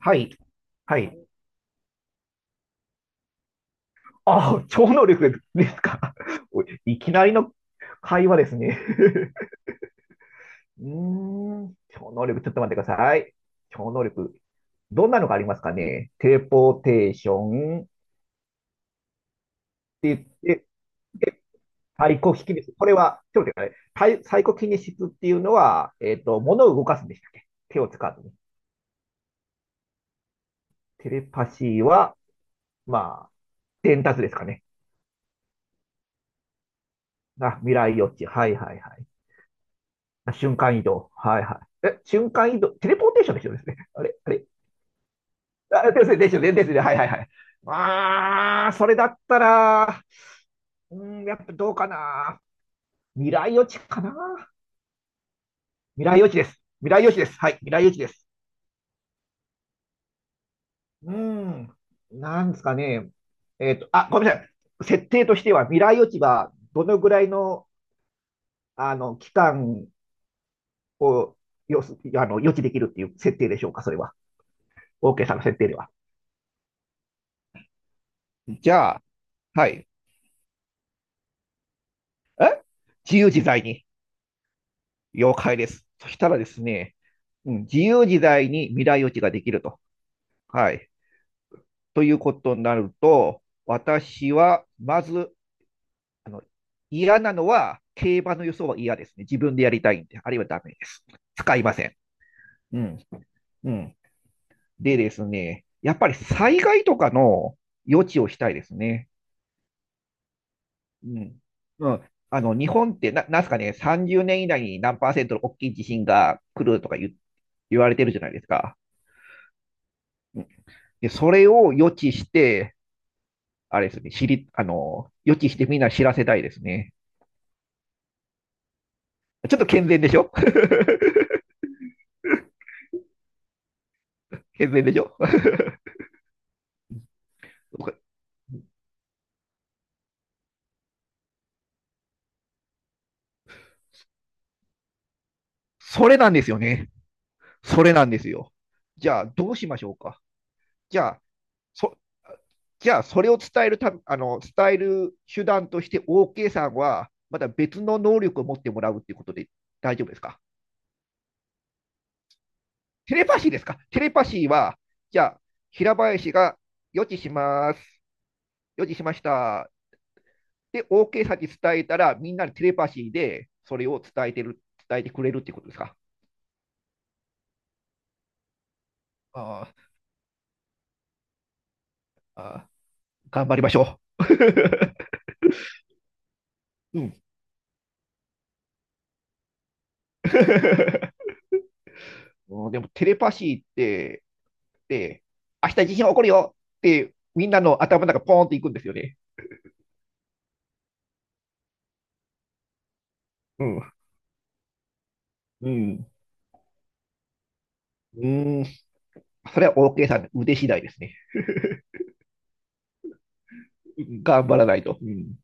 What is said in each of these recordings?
はい、はい。ああ、超能力ですか。おいいきなりの会話ですね。うーん、超能力、ちょっと待ってください。超能力、どんなのがありますかね。テレポーテーションって言って、で、サイコキネシス。これは、ちょっと待ってください。サイコキネシスっていうのは、物を動かすんでしたっけ手を使わずに。テレパシーは、まあ、伝達ですかね。あ、未来予知。はいはいはい。あ瞬間移動。はいはい。え、瞬間移動。テレポーテーションですよですね。あれ、あれ。あ、ですね、ですよね、ですね。はいはいはい。ああ、それだったら、うーん、やっぱどうかな。未来予知かな。未来予知です。未来予知です。はい、未来予知です。うーん、なんですかね。あ、ごめんなさい。設定としては、未来予知はどのぐらいの、あの、期間をあの、予知できるっていう設定でしょうか、それは。OK さんの設定では。じゃあ、はい。え自由自在に。了解です。そしたらですね、うん、自由自在に未来予知ができると。はい。ということになると、私は、まず、あの、嫌なのは、競馬の予想は嫌ですね。自分でやりたいんで、あるいはダメです。使いません。うん。うん。でですね、やっぱり災害とかの予知をしたいですね。うん。うん。あの、日本ってなんすかね、30年以内に何パーセントの大きい地震が来るとか言われてるじゃないですか。うんで、それを予知して、あれですね、あの、予知してみんな知らせたいですね。ちょっと健全でしょ。 健全でしょ。それなんですよね。それなんですよ。じゃあ、どうしましょうか。じゃあ、そじゃあ、それを伝えるたあの、伝える手段として OK さんは、また別の能力を持ってもらうっていうことで大丈夫ですか。テレパシーですか。テレパシーは、じゃあ、平林が予知します。予知しました。で、OK さんに伝えたら、みんなにテレパシーでそれを伝えてる、伝えてくれるってことですか。ああ頑張りましょう。うん。 でも、テレパシーって、って、明日地震起こるよって、みんなの頭の中ポーンっていくんですよね。うん。うん。うん。それは OK さんの腕次第ですね。頑張らないと。うん。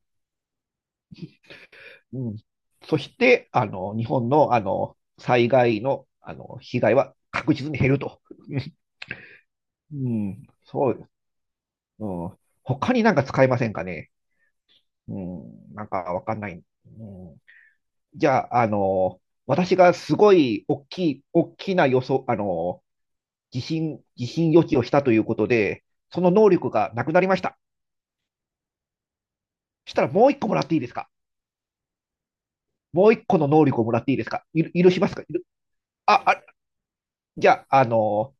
うん、そして、あの、日本の、あの、災害の、あの、被害は確実に減ると。うん。そうです。うん。他になんか使えませんかね。うん。なんかわかんない。うん。じゃあ、あの、私がすごい大きい、大きな予想、あの、疑心、疑心予知をしたということで、その能力がなくなりました。したらもう一個もらっていいですか。もう一個の能力をもらっていいですか。許しますか。あ、あ、じゃあ、あの、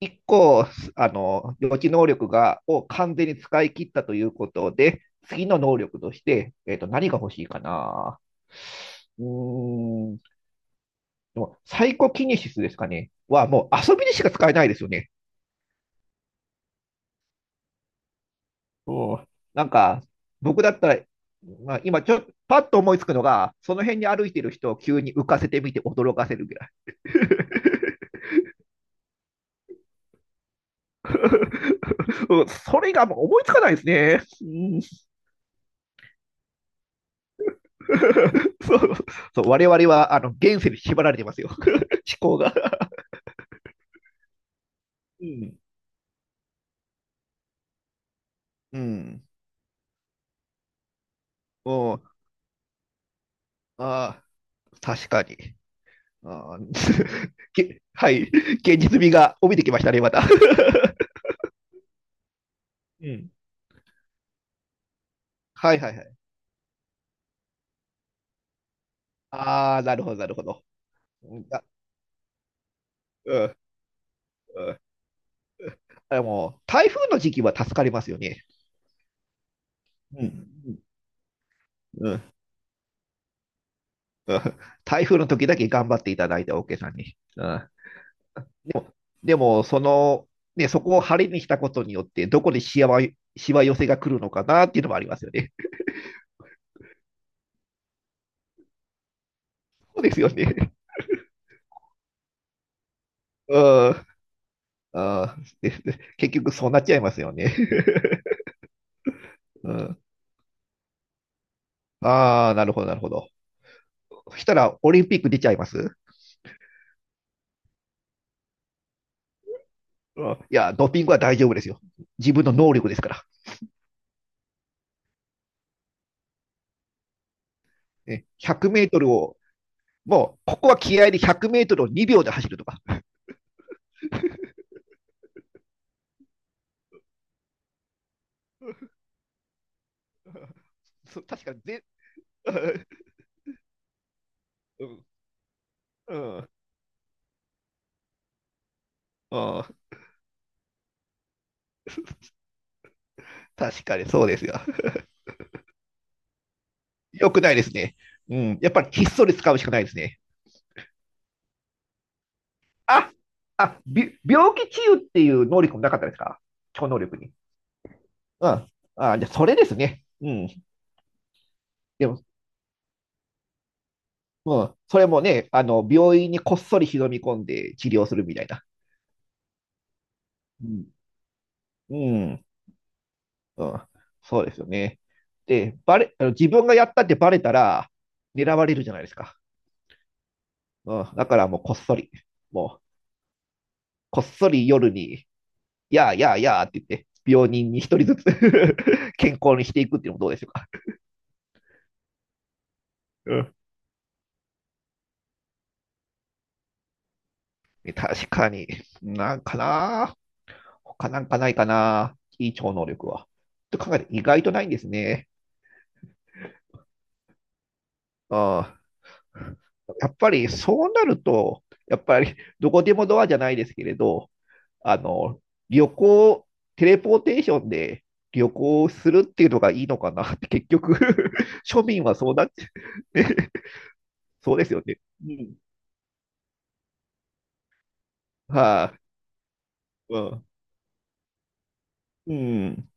一個、あの、予知能力を完全に使い切ったということで、次の能力として、何が欲しいかな。うーん、でもサイコキネシスですかねはもう遊びにしか使えないですよね。うん、なんか、僕だったら、まあ、今ちょっと、パッと思いつくのが、その辺に歩いてる人を急に浮かせてみて驚かせるぐらい。うんそれがもう思いつかないですね。うん。 そう、そう、我々はあの現世に縛られてますよ。思考が。うん。うん。うん。ああ、確かに。ああ。 はい。現実味が帯びてきましたね、また。うん。はいはいはい。ああ、なるほど、なるほど。うん、あ、うん。でも台風の時期は助かりますよね。うん。うんうん。台風の時だけ頑張っていただいて、オーケーさんに。うん。でも、その、ね、そこを晴れにしたことによって、どこでしわ、しわ寄せが来るのかなっていうのもありますよね。そうですよね。うん。うんです結局、そうなっちゃいますよね。うん、ああ、なるほど、なるほど。そしたら、オリンピック出ちゃいます。うんいや、ドーピングは大丈夫ですよ。自分の能力ですから。ね100メートルを。もう、ここは気合で100メートルを2秒で走るとか。そう、確かに。うん、うん、うん。確かにそうですよ。よくないですね。うん、やっぱりひっそり使うしかないですね。あ、あ、病気治癒っていう能力もなかったですか。超能力に。うん。あ、じゃあそれですね。うん。でも、うん、それもね、あの、病院にこっそり忍び込んで治療するみたいな。うん。うんうん、そうですよね。で、あの自分がやったってバレたら、狙われるじゃないですか。うん、だからもうこっそり、もう、こっそり夜に、やあやあやあって言って、病人に一人ずつ 健康にしていくっていうのもどうでしょうか。うん。確かに、なんかな他なんかないかないい超能力は。と考えて意外とないんですね。うん。やっぱりそうなると、やっぱりどこでもドアじゃないですけれど、あの、旅行、テレポーテーションで旅行するっていうのがいいのかなって、結局。 庶民はそうなっちゃうね。そうですよね。うん。はい、うん。うん。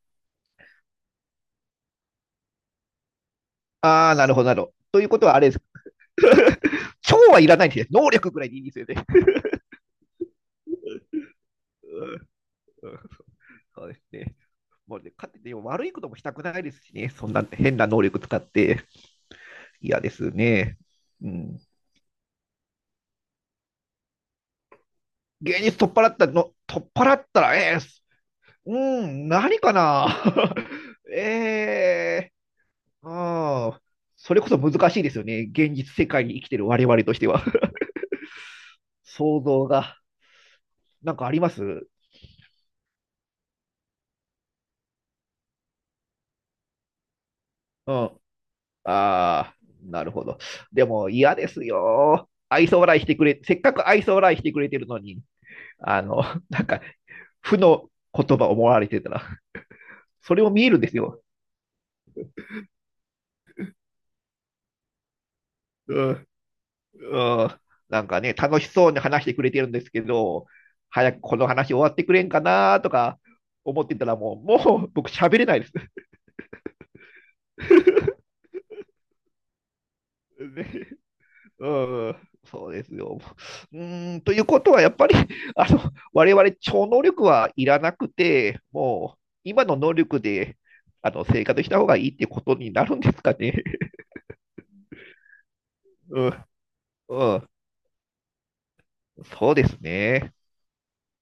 ああ、なるほど、なるほど。ということはあれです。超はいらないんですね。能力ぐらいでいいんですよね。うんうんそうですね。もうね、かで悪いこともしたくないですしね。そんな変な能力使って嫌ですね。うん。芸術取っ払ったら、うん、何かな。 ええーああ、それこそ難しいですよね。現実世界に生きてる我々としては。想像が、なんかありますうん。ああ、なるほど。でも嫌ですよ。愛想笑いしてくれ、せっかく愛想笑いしてくれてるのに、あの、なんか、負の言葉を思われてたら、それを見えるんですよ。うんうんなんかね、楽しそうに話してくれてるんですけど、早くこの話終わってくれんかなとか思ってたらもう、もう僕喋れないです。ねうんそうですよ。うーん、ということは、やっぱり、あの、我々超能力はいらなくて、もう、今の能力で、あの、生活した方がいいってことになるんですかね。うん、うん、そうですね。